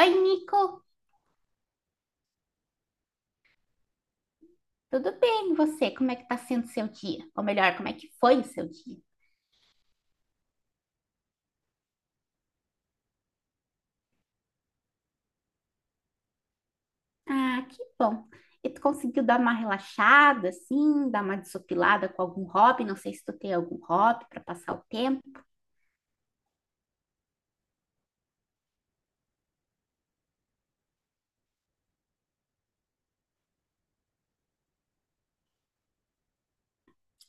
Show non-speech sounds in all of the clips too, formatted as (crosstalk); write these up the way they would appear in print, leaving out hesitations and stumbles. Oi, Nico, tudo bem? E você? Como é que tá sendo seu dia? Ou melhor, como é que foi o seu dia? Ah, que bom. E tu conseguiu dar uma relaxada, assim, dar uma desopilada com algum hobby? Não sei se tu tem algum hobby para passar o tempo.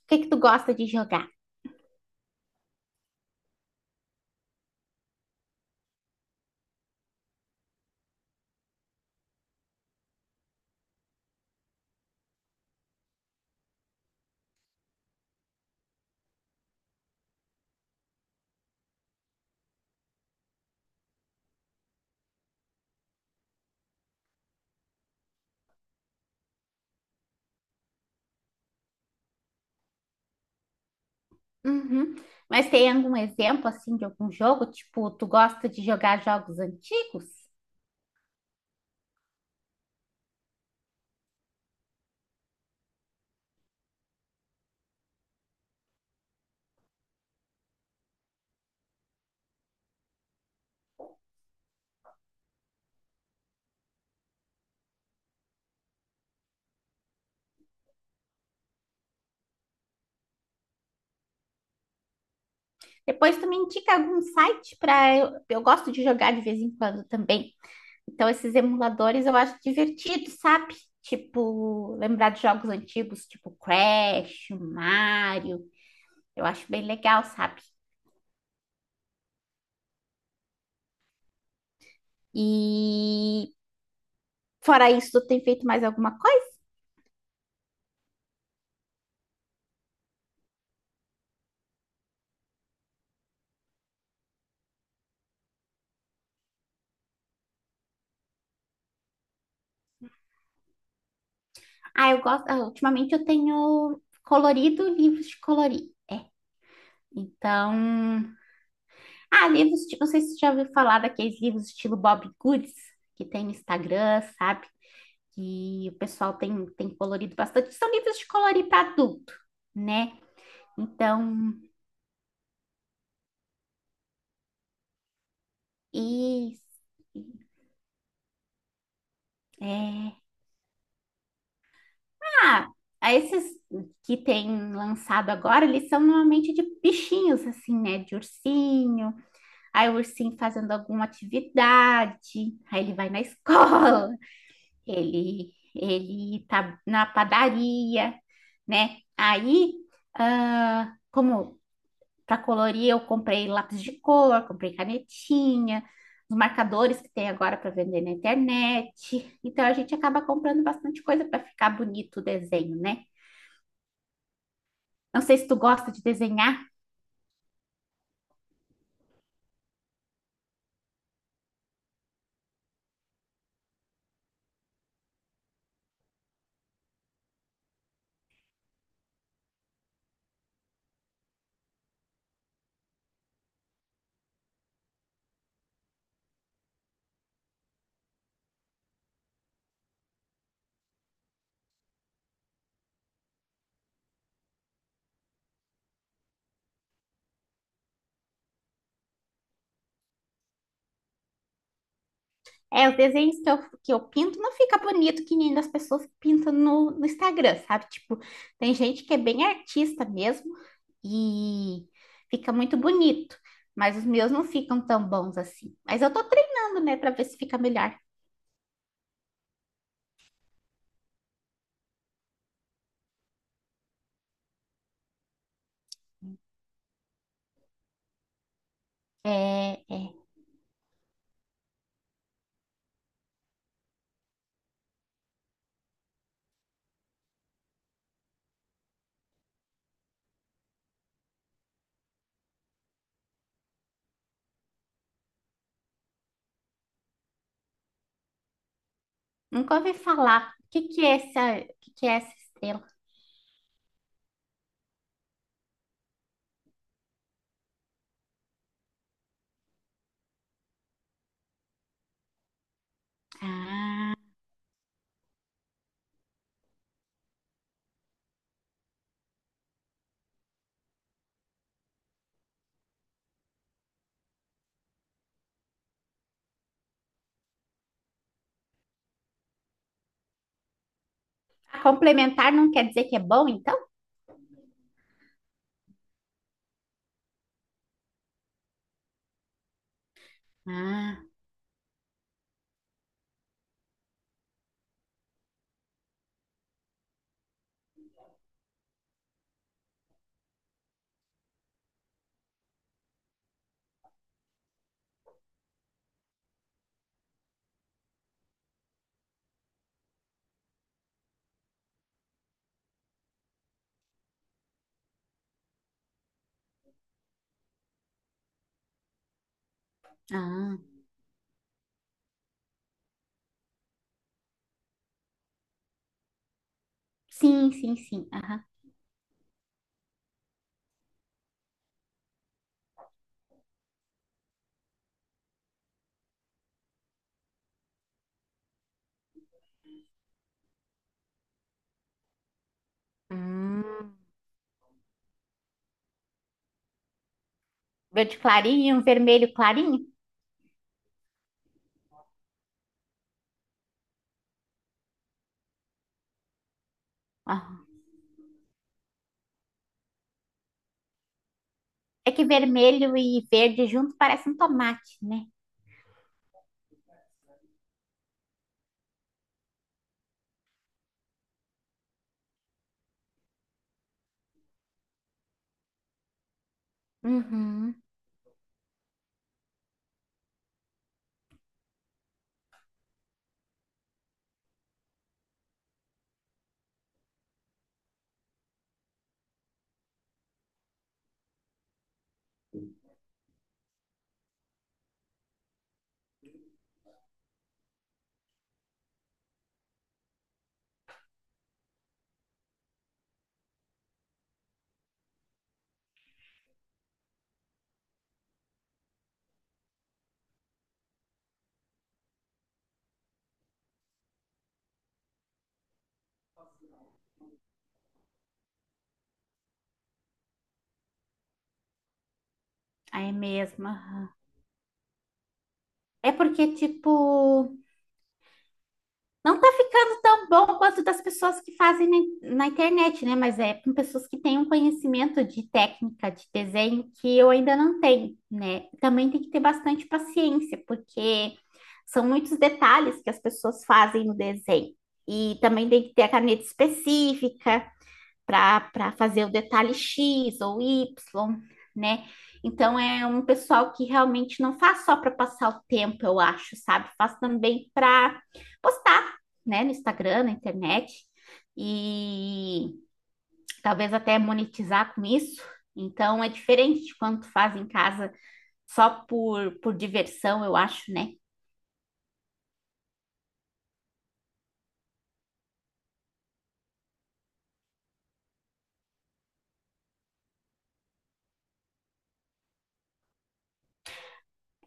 O que é que tu gosta de jogar? Uhum. Mas tem algum exemplo assim de algum jogo? Tipo, tu gosta de jogar jogos antigos? Depois tu me indica algum site para eu gosto de jogar de vez em quando também. Então esses emuladores eu acho divertido, sabe? Tipo, lembrar de jogos antigos, tipo Crash, Mario, eu acho bem legal, sabe? E fora isso, tu tem feito mais alguma coisa? Ah, eu gosto, ah, ultimamente eu tenho colorido livros de colorir. Então, ah, livros, tipo, não sei se você já ouviu falar daqueles livros estilo Bob Goods, que tem no Instagram, sabe? Que o pessoal tem colorido bastante. São livros de colorir para adulto, né? Então, e é, ah, ah, esses que tem lançado agora, eles são normalmente de bichinhos, assim, né? De ursinho, aí o ursinho fazendo alguma atividade, aí ele vai na (laughs) escola, ele tá na padaria, né? Aí, ah, como para colorir, eu comprei lápis de cor, comprei canetinha, os marcadores que tem agora para vender na internet. Então a gente acaba comprando bastante coisa para ficar bonito o desenho, né? Não sei se tu gosta de desenhar. É, os desenhos que eu pinto não fica bonito que nem das pessoas que pintam no Instagram, sabe? Tipo, tem gente que é bem artista mesmo e fica muito bonito, mas os meus não ficam tão bons assim. Mas eu tô treinando, né, pra ver se fica melhor. É, é. Nunca ouvi falar. O que que é essa, o que que é essa estrela? Ah, complementar não quer dizer que é bom, então? Ah, ah. Sim, sim, sim. Aham. Hum. Verde clarinho, vermelho clarinho? É que vermelho e verde junto parece um tomate, né? Uhum. Aí é mesmo. Aham. É porque, tipo, não tá ficando tão bom quanto das pessoas que fazem na internet, né? Mas é com pessoas que têm um conhecimento de técnica de desenho que eu ainda não tenho, né? Também tem que ter bastante paciência, porque são muitos detalhes que as pessoas fazem no desenho. E também tem que ter a caneta específica, para fazer o detalhe X ou Y, né? Então é um pessoal que realmente não faz só para passar o tempo, eu acho, sabe? Faz também para postar, né, no Instagram, na internet e talvez até monetizar com isso. Então é diferente de quando tu faz em casa só por diversão, eu acho, né?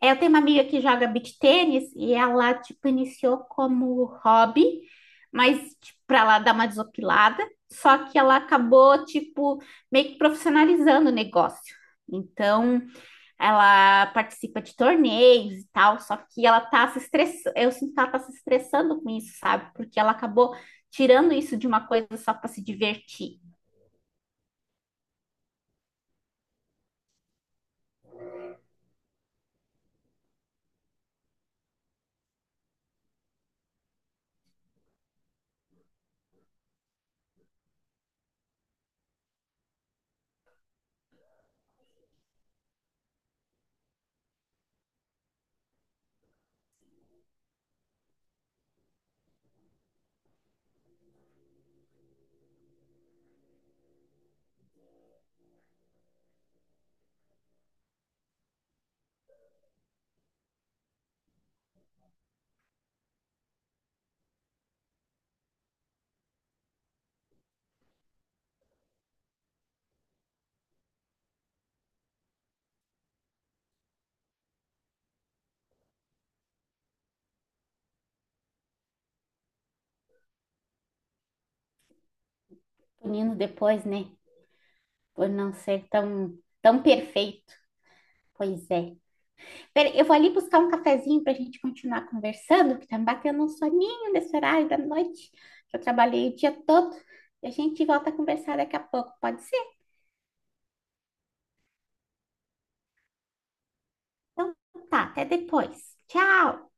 É, eu tenho uma amiga que joga beach tênis e ela, tipo, iniciou como hobby, mas, tipo, pra ela dar uma desopilada, só que ela acabou, tipo, meio que profissionalizando o negócio. Então, ela participa de torneios e tal, só que ela tá se estressando, eu sinto que ela tá se estressando com isso, sabe? Porque ela acabou tirando isso de uma coisa só para se divertir. Punindo depois, né? Por não ser tão, tão perfeito. Pois é. Peraí, eu vou ali buscar um cafezinho para a gente continuar conversando, que tá me batendo um soninho nesse horário da noite, que eu trabalhei o dia todo. E a gente volta a conversar daqui a pouco, pode ser? Então tá, até depois. Tchau!